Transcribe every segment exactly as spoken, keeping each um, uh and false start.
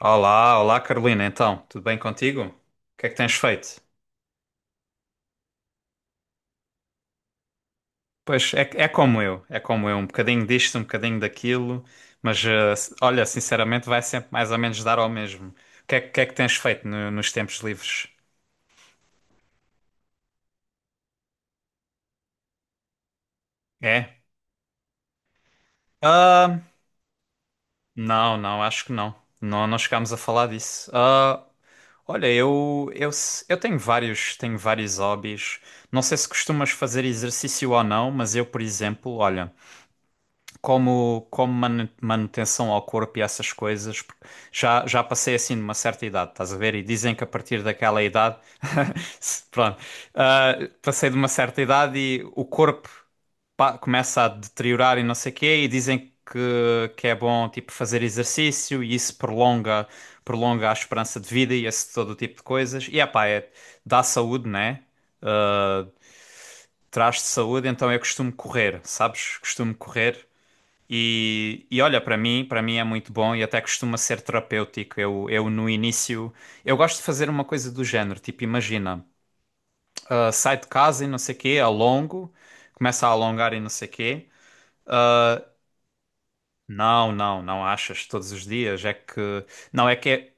Olá, olá Carolina, então, tudo bem contigo? O que é que tens feito? Pois é, é como eu, é como eu, um bocadinho disto, um bocadinho daquilo, mas eh, s- olha, sinceramente vai sempre mais ou menos dar ao mesmo. O que é, que que é que tens feito no- nos tempos livres? É? Ah, não, não, acho que não. Não, não chegámos a falar disso. Ah, olha, eu, eu, s- eu tenho vários, tenho vários hobbies. Não sei se costumas fazer exercício ou não, mas eu, por exemplo, olha. Como, como manu- manutenção ao corpo e essas coisas, porque já, já passei assim numa certa idade, estás a ver? E dizem que a partir daquela idade, se- pronto, ah, passei de uma certa idade e o corpo pá, começa a deteriorar e não sei o quê, e dizem que, que é bom tipo fazer exercício e isso prolonga, prolonga a esperança de vida e esse todo tipo de coisas. E epá, é, dá saúde, né? Ah, traz-te saúde, então eu costumo correr, sabes? Costumo correr. E, e olha, para mim, para mim é muito bom e até costuma ser terapêutico. Eu, eu no início, eu gosto de fazer uma coisa do género, tipo, imagina, ah, sai de casa e não sei quê, alongo, começa a alongar e não sei quê. Não, não, não achas todos os dias, é que não é que é.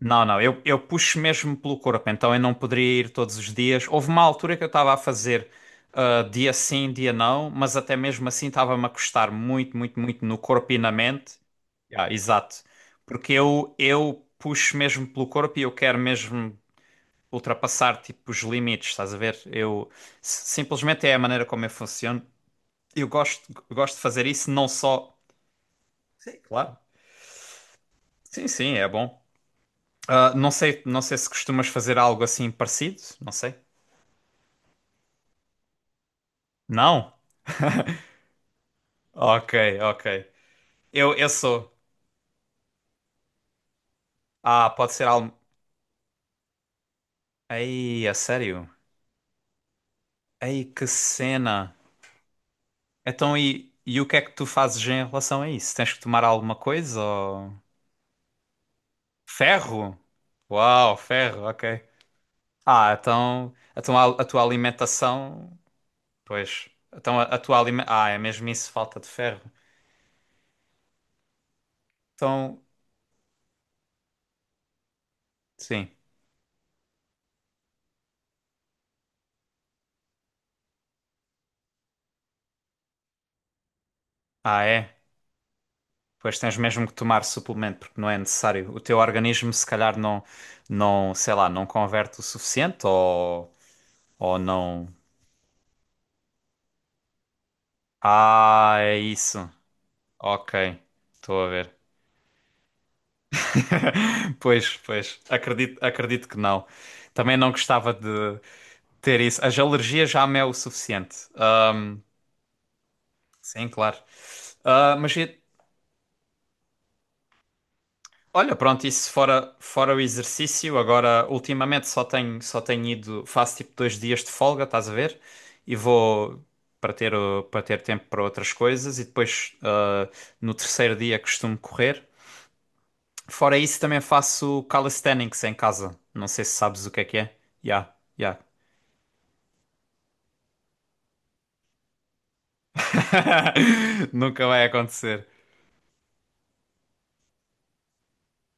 Não, não, eu, eu puxo mesmo pelo corpo, então eu não poderia ir todos os dias. Houve uma altura que eu estava a fazer ah, dia sim, dia não, mas até mesmo assim estava-me a custar muito, muito, muito no corpo e na mente. Ah, exato, porque eu, eu puxo mesmo pelo corpo e eu quero mesmo ultrapassar tipo os limites, estás a ver? Eu s- simplesmente é a maneira como eu funciono. Eu gosto, gosto de fazer isso não só. Sim, claro. Sim, sim, é bom. Ah, não sei, não sei se costumas fazer algo assim parecido, não sei. Não? Ok, ok. Eu, eu sou. Ah, pode ser algo. Ei, a sério? Ei, que cena. Então, e, e o que é que tu fazes em relação a isso? Tens que tomar alguma coisa ou... Ferro? Uau, ferro, ok. Ah, então a tua, a tua alimentação. Pois. Então a, a tua alimentação. Ah, é mesmo isso, falta de ferro. Então, sim. Ah, é? Pois tens mesmo que tomar suplemento porque não é necessário. O teu organismo se calhar não, não, sei lá, não converte o suficiente ou, ou não. Ah, é isso. Ok, estou a ver. Pois, pois, acredito, acredito que não. Também não gostava de ter isso. As alergias já me é o suficiente. Ah, sim, claro. Ah, mas e- Olha, pronto, isso fora, fora o exercício, agora ultimamente só tenho, só tenho ido, faço tipo dois dias de folga, estás a ver? E vou para ter, o- para ter tempo para outras coisas e depois ah, no terceiro dia costumo correr. Fora isso também faço calisthenics em casa. Não sei se sabes o que é que é. Já, já. Nunca vai acontecer.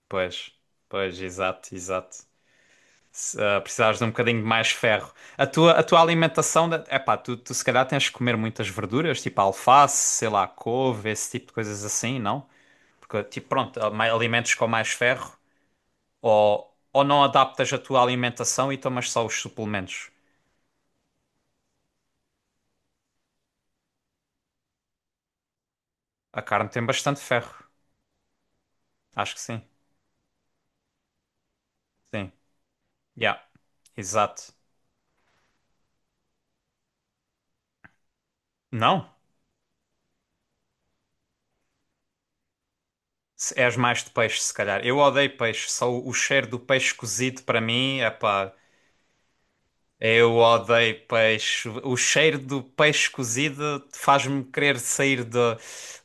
Pois, pois, exato, exato. Se ah, precisares de um bocadinho de mais ferro. A tua, a tua alimentação, é epá, tu, tu se calhar tens que comer muitas verduras, tipo alface, sei lá, couve, esse tipo de coisas assim, não? Porque, tipo, pronto, há mai- alimentos com mais ferro, ou, ou não adaptas a tua alimentação e tomas só os suplementos. A carne tem bastante ferro, acho que sim, sim, yeah, exato. Não? Se- És mais de peixe, se calhar. Eu odeio peixe, só o o cheiro do peixe cozido para mim, é epá. Eu odeio peixe. O cheiro do peixe cozido faz-me querer sair da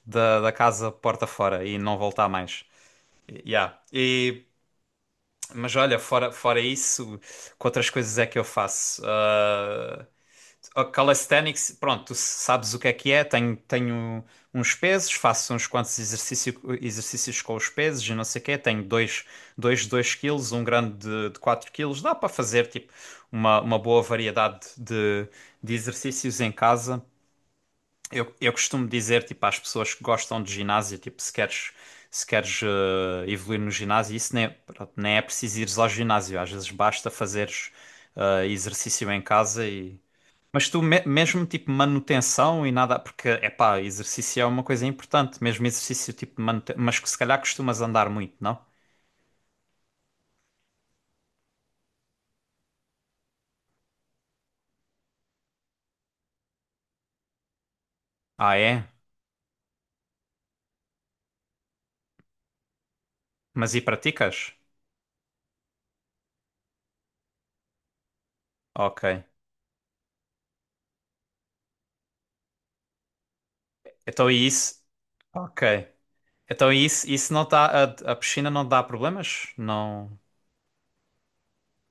da da casa porta fora e não voltar mais. Yeah. E, mas olha, fora, fora isso, que outras coisas é que eu faço? Ah, a Calisthenics, pronto, tu sabes o que é que é. Tenho, tenho uns pesos, faço uns quantos exercício, exercícios com os pesos e não sei o quê. Tenho dois, dois, dois quilos, um grande de, de quatro quilos. Dá para fazer tipo uma, uma boa variedade de, de exercícios em casa. Eu, eu costumo dizer tipo às pessoas que gostam de ginásio, tipo se queres, se queres eh, evoluir no ginásio, isso nem, é- pronto, nem é preciso ires ao ginásio. Às vezes basta fazeres eh, exercício em casa e mas tu, me- mesmo tipo manutenção e nada, porque epá, exercício é uma coisa importante, mesmo exercício tipo de manutenção, mas que se calhar costumas andar muito, não? Ah, é? Mas e praticas? Ok. Então e isso? Ok. Então e isso, isso não dá, a, a piscina não dá problemas? Não.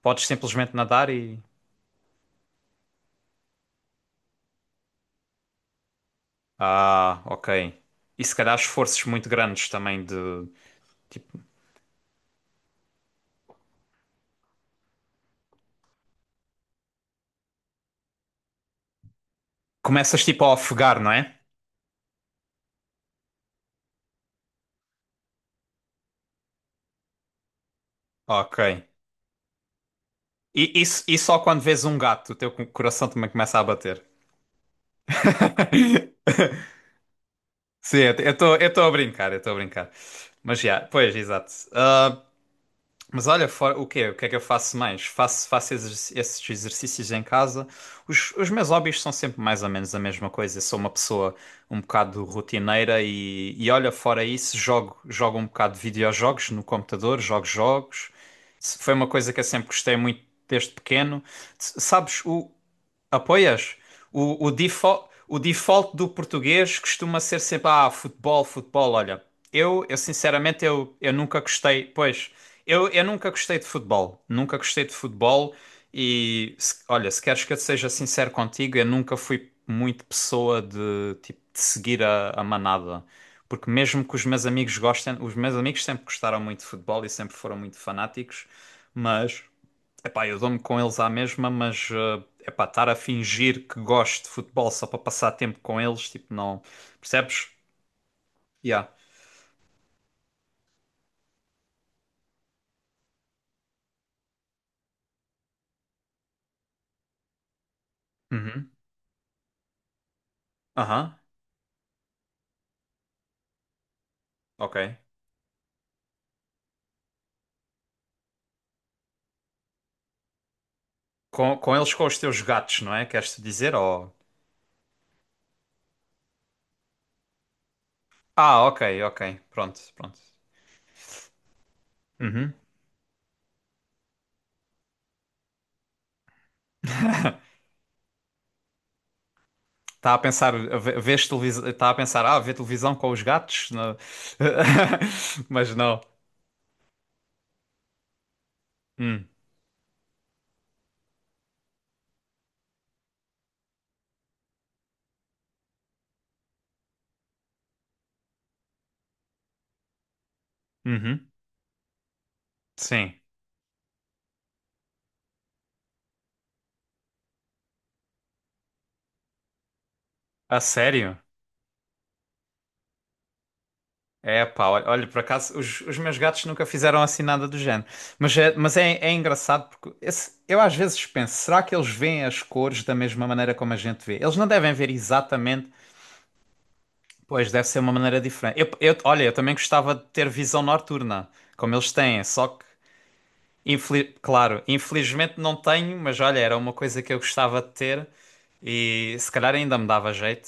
Podes simplesmente nadar e. Ah, ok. E se calhar esforços muito grandes também de. Tipo, começas tipo a ofegar, não é? Ok. E, isso e só quando vês um gato, o teu coração também começa a bater. Sim, eu estou eu estou a brincar, eu estou a brincar. Mas já, pois, exato. Ah, mas olha, fora, o quê? O que é que eu faço mais? Faço, faço exerc- esses exercícios em casa. Os, os meus hobbies são sempre mais ou menos a mesma coisa. Eu sou uma pessoa um bocado rotineira e, e olha, fora isso, jogo, jogo um bocado de videojogos no computador, jogo jogos. Foi uma coisa que eu sempre gostei muito desde pequeno. S- Sabes, o. Apoias? O, o, default, o default do português costuma ser sempre, ah, futebol, futebol, olha. Eu, eu sinceramente, eu, eu nunca gostei, pois, eu, eu nunca gostei de futebol. Nunca gostei de futebol e, se- olha, se queres que eu seja sincero contigo, eu nunca fui muito pessoa de, tipo, de seguir a, a manada. Porque mesmo que os meus amigos gostem, os meus amigos sempre gostaram muito de futebol e sempre foram muito fanáticos, mas... Epá, eu dou-me com eles à mesma, mas eh, epá, estar a fingir que gosto de futebol só para passar tempo com eles, tipo, não. Percebes? Yeah. Uhum. Aham. Ok. Com, com eles, com os teus gatos, não é? Queres te dizer? Ou... Ah, ok, ok. Pronto, pronto. Uhum. Está a pensar, a ve- vês televisão, está a pensar, ah, ver televisão com os gatos? Não. Mas não. Hum. Uhum. Sim. A sério? É, pá, olha, olha, por acaso os, os meus gatos nunca fizeram assim nada do género. Mas é, mas é, é engraçado porque esse- eu às vezes penso, será que eles veem as cores da mesma maneira como a gente vê? Eles não devem ver exatamente, pois deve ser uma maneira diferente. Eu, eu- olha, eu também gostava de ter visão noturna, como eles têm, só que, infeli- claro, infelizmente não tenho, mas olha, era uma coisa que eu gostava de ter e se calhar ainda me dava jeito,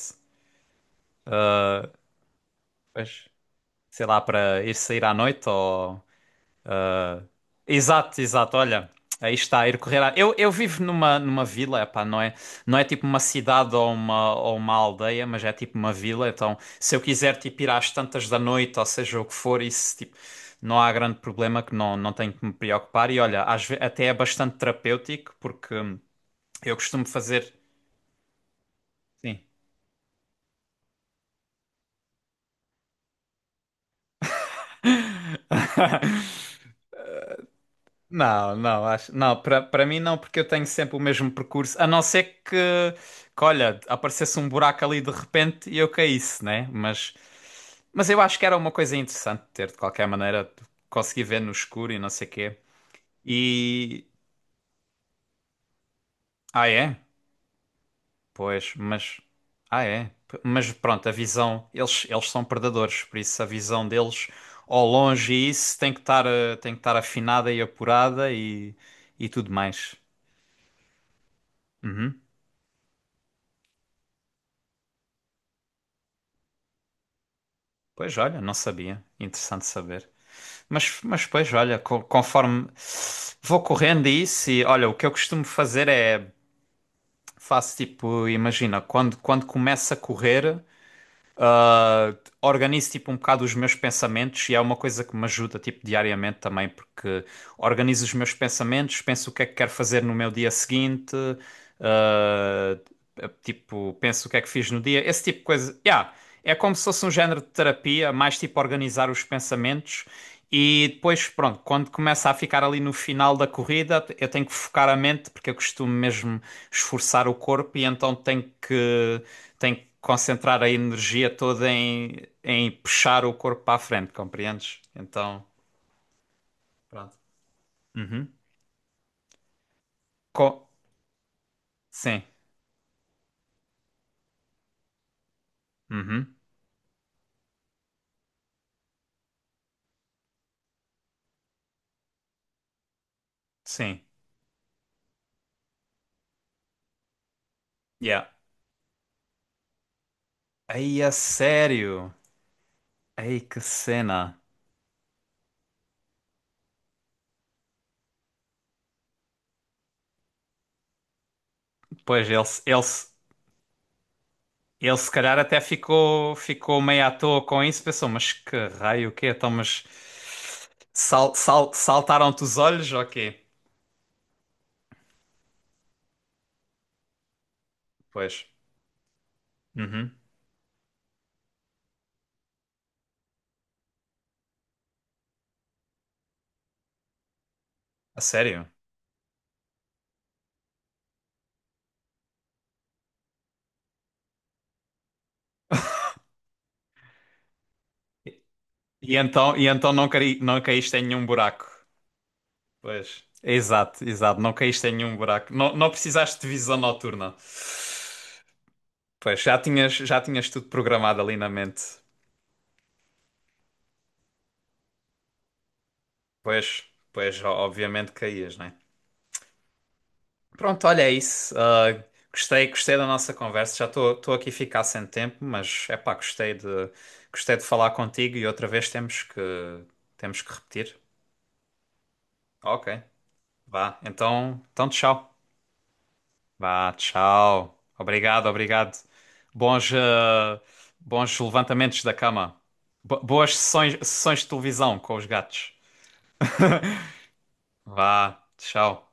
pois, sei lá, para ir sair à noite ou. Exato, exato. Olha, aí está, ir correr. À... Eu, eu vivo numa, numa vila, epá, não é, não é tipo uma cidade ou uma, ou uma aldeia, mas é tipo uma vila. Então, se eu quiser tipo, ir às tantas da noite, ou seja, o que for, isso tipo, não há grande problema que não, não tenho que me preocupar. E olha, às ve- até é bastante terapêutico, porque hum, eu costumo fazer. Sim. Não, não, acho, não, para para mim não, porque eu tenho sempre o mesmo percurso, a não ser que, que, olha, aparecesse um buraco ali de repente e eu caísse, né? Mas, mas eu acho que era uma coisa interessante ter, de qualquer maneira, conseguir ver no escuro e não sei quê. E, ah é? Pois, mas, ah é? P- Mas pronto, a visão, eles, eles são predadores, por isso a visão deles ao longe e isso tem que estar, eh, tem que estar afinada e apurada e, e tudo mais. Uhum. Pois olha, não sabia. Interessante saber. Mas, mas pois olha, co- conforme vou correndo a isso e olha, o que eu costumo fazer é faço tipo, imagina, quando, quando começo a correr. Uh, organizo tipo um bocado os meus pensamentos e é uma coisa que me ajuda tipo diariamente também porque organizo os meus pensamentos, penso o que é que quero fazer no meu dia seguinte, uh, tipo penso o que é que fiz no dia, esse tipo de coisa. Yeah, é como se fosse um género de terapia, mais tipo organizar os pensamentos e depois pronto, quando começa a ficar ali no final da corrida, eu tenho que focar a mente porque eu costumo mesmo esforçar o corpo e então tenho que tem que concentrar a energia toda em, em puxar o corpo para a frente, compreendes? Então, pronto. Uhum. Co- Sim. Uhum. Sim. Yeah. Aí, a sério? Aí, que cena. Pois, ele, se- ele, se- ele se calhar até ficou, ficou meio à toa com isso, pensou, mas que raio, o quê? Então, mas sal, sal, saltaram-te os olhos ou quê? Pois. Uhum. A sério? E, e então, e então não, caí, não caíste em nenhum buraco? Pois. Exato, exato. Não caíste em nenhum buraco. Não, não precisaste de visão noturna. Pois, já tinhas, já tinhas tudo programado ali na mente. Pois, pois, o- obviamente caías, né? Pronto, olha, é isso. Ah, gostei, gostei da nossa conversa. Já estou aqui a ficar sem tempo, mas é pá, gostei de, gostei de falar contigo e outra vez temos que, temos que repetir. Ok, vá. Então, então tchau. Vá, tchau. Obrigado, obrigado. Bons, eh, bons levantamentos da cama. Bo- boas sessões, sessões de televisão com os gatos. Vá, tchau.